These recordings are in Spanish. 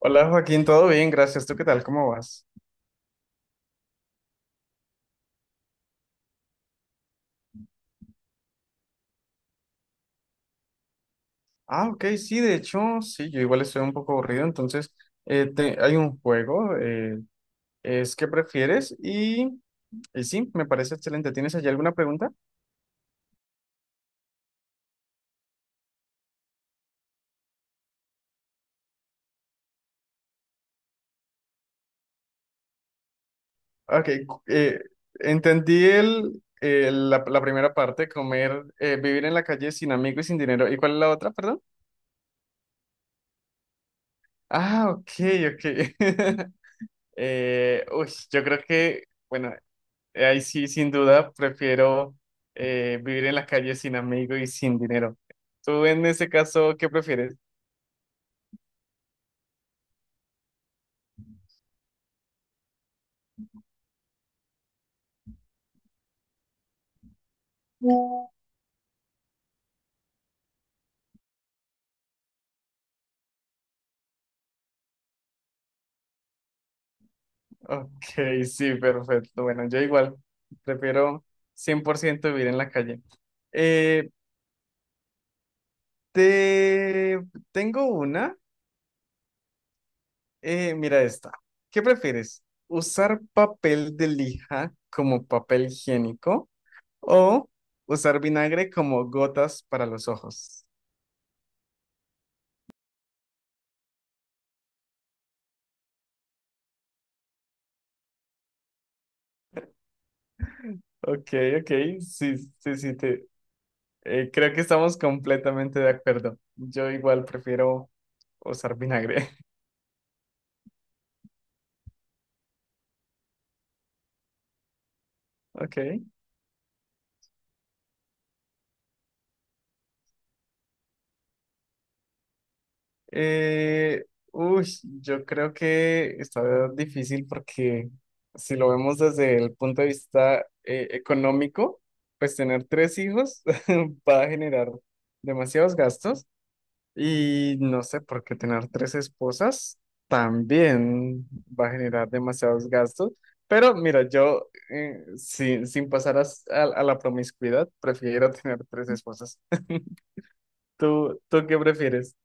Hola Joaquín, todo bien, gracias. ¿Tú qué tal? ¿Cómo vas? Ah, ok, sí, de hecho, sí, yo igual estoy un poco aburrido, entonces hay un juego, es ¿qué prefieres? Y sí, me parece excelente. ¿Tienes allí alguna pregunta? Ok. Entendí la primera parte, vivir en la calle sin amigos y sin dinero. ¿Y cuál es la otra, perdón? Ah, ok, ok. Yo creo que, bueno, ahí sí, sin duda, prefiero vivir en la calle sin amigos y sin dinero. ¿Tú en ese caso qué prefieres? Ok, sí, perfecto. Bueno, yo igual prefiero 100% vivir en la calle. Eh, te tengo una. Mira esta. ¿Qué prefieres? ¿Usar papel de lija como papel higiénico o usar vinagre como gotas para los ojos? Ok, ok, sí, sí, sí, creo que estamos completamente de acuerdo. Yo igual prefiero usar vinagre. Ok. Eh, uy, yo creo que está difícil porque si lo vemos desde el punto de vista económico, pues tener tres hijos va a generar demasiados gastos. Y no sé, porque tener tres esposas también va a generar demasiados gastos. Pero mira, yo sin pasar a la promiscuidad, prefiero tener tres esposas. ¿Tú qué prefieres?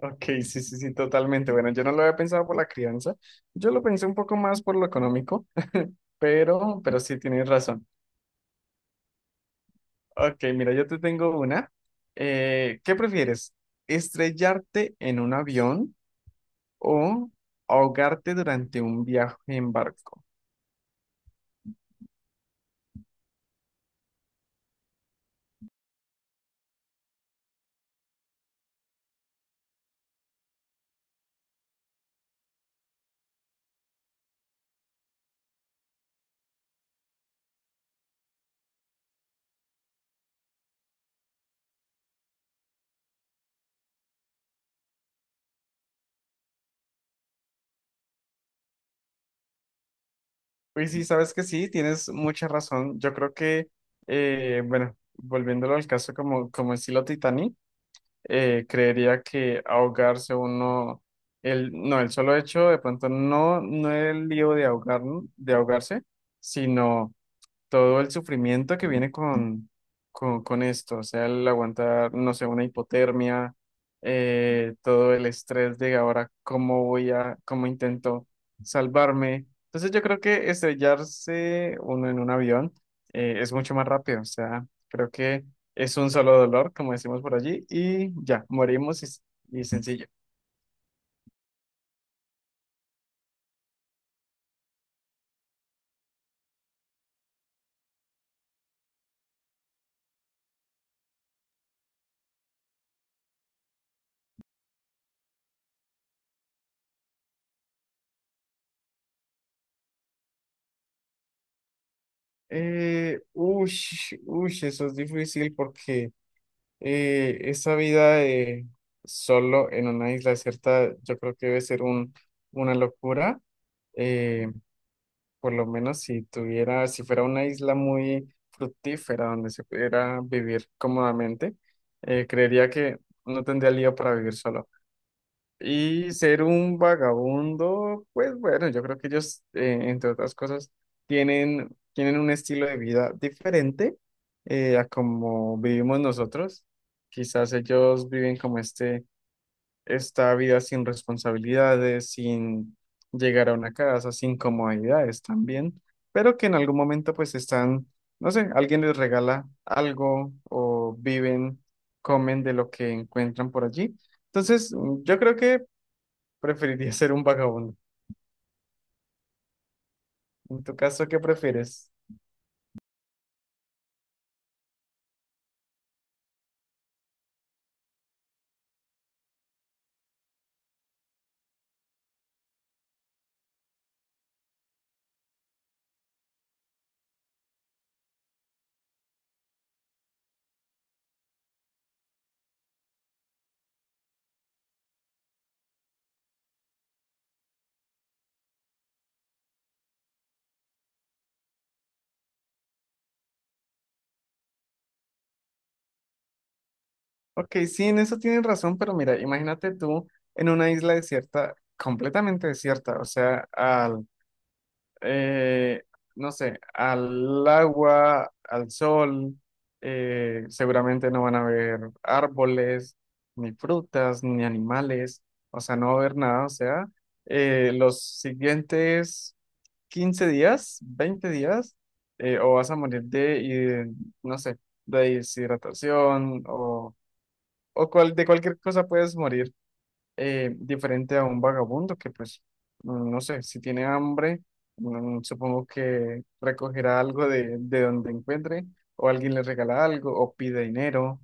Ok, sí, sí, sí, totalmente. Bueno, yo no lo había pensado por la crianza. Yo lo pensé un poco más por lo económico, pero sí tienes razón. Ok, mira, yo te tengo una. ¿Qué prefieres? ¿Estrellarte en un avión? O ahogarte durante un viaje en barco. Pues sí, sabes que sí, tienes mucha razón. Yo creo que, bueno, volviéndolo al caso como estilo Titanic, creería que ahogarse uno, el, no, el solo hecho de pronto no el lío de ahogarse, sino todo el sufrimiento que viene con esto, o sea, el aguantar, no sé, una hipotermia, todo el estrés de ahora, cómo intento salvarme. Entonces yo creo que estrellarse uno en un avión es mucho más rápido, o sea, creo que es un solo dolor, como decimos por allí, y ya, morimos y sencillo. Eh, uy, eso es difícil porque... esa vida solo en una isla desierta, yo creo que debe ser una locura. Eh, por lo menos si si fuera una isla muy fructífera donde se pudiera vivir cómodamente, creería que no tendría lío para vivir solo. Y ser un vagabundo, pues bueno, yo creo que ellos, entre otras cosas, tienen un estilo de vida diferente a como vivimos nosotros. Quizás ellos viven como esta vida sin responsabilidades, sin llegar a una casa, sin comodidades también, pero que en algún momento pues están, no sé, alguien les regala algo o viven, comen de lo que encuentran por allí. Entonces, yo creo que preferiría ser un vagabundo. En tu caso, ¿qué prefieres? Ok, sí, en eso tienes razón, pero mira, imagínate tú en una isla desierta, completamente desierta, o sea, eh, no sé, al agua, al sol, seguramente no van a haber árboles, ni frutas, ni animales, o sea, no va a haber nada, o sea, los siguientes 15 días, 20 días, o vas a morir de, no sé, de deshidratación o, de cualquier cosa puedes morir diferente a un vagabundo que pues, no sé, si tiene hambre, supongo que recogerá algo de donde encuentre, o alguien le regala algo, o pide dinero.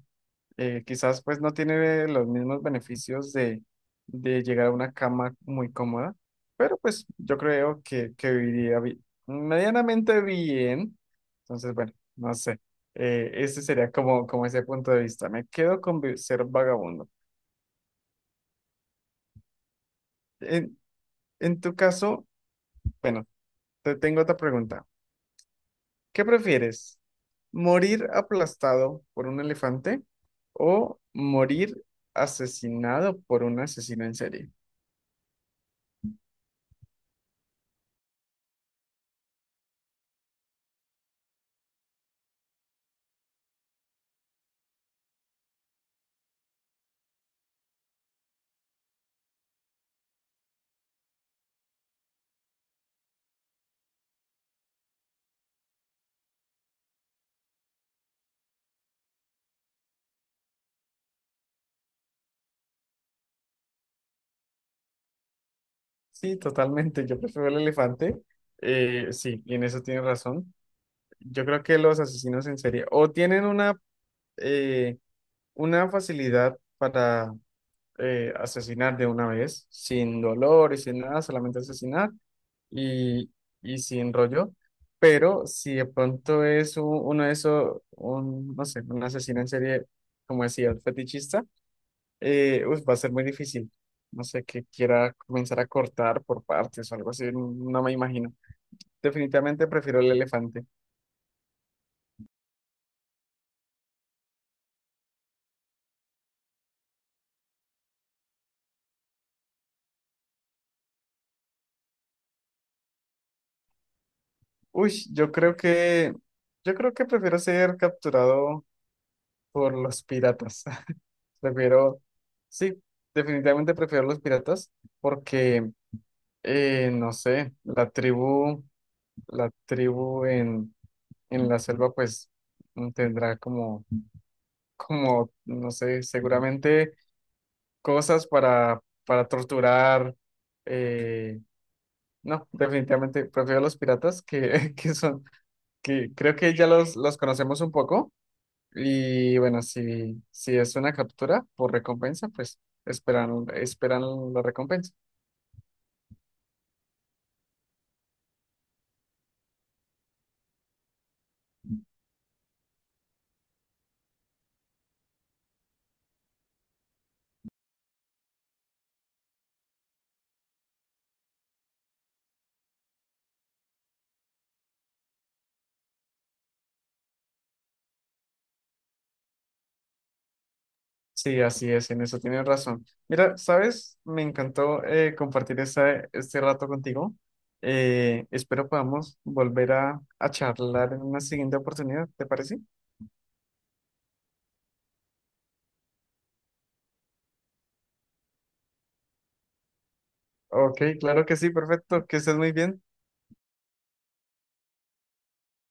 Quizás pues no tiene los mismos beneficios de llegar a una cama muy cómoda, pero pues yo creo que viviría medianamente bien. Entonces, bueno, no sé. Ese sería como, como ese punto de vista. Me quedo con ser vagabundo. En, en tu caso, bueno, te tengo otra pregunta. ¿Qué prefieres? ¿Morir aplastado por un elefante o morir asesinado por un asesino en serie? Sí, totalmente. Yo prefiero el elefante. Sí, y en eso tienes razón. Yo creo que los asesinos en serie o tienen eh, una facilidad para asesinar de una vez, sin dolor y sin nada, solamente asesinar y, y sin rollo. Pero si de pronto es uno de esos, un, no sé, un asesino en serie, como decía, el fetichista, uf, va a ser muy difícil. No sé, que quiera comenzar a cortar por partes o algo así, no me imagino. Definitivamente prefiero el elefante. Uy, yo creo que prefiero ser capturado por los piratas. Prefiero, sí, definitivamente prefiero los piratas porque, no sé, la tribu en la selva pues tendrá como no sé, seguramente cosas para torturar. eh, no, definitivamente prefiero los piratas que, que son, que creo que ya los conocemos un poco. Y bueno, si es una captura por recompensa, pues esperan la recompensa. Sí, así es, en eso tienes razón. Mira, ¿sabes? Me encantó compartir este rato contigo. Espero podamos volver a charlar en una siguiente oportunidad, ¿te parece? Ok, claro que sí, perfecto, que estés muy bien.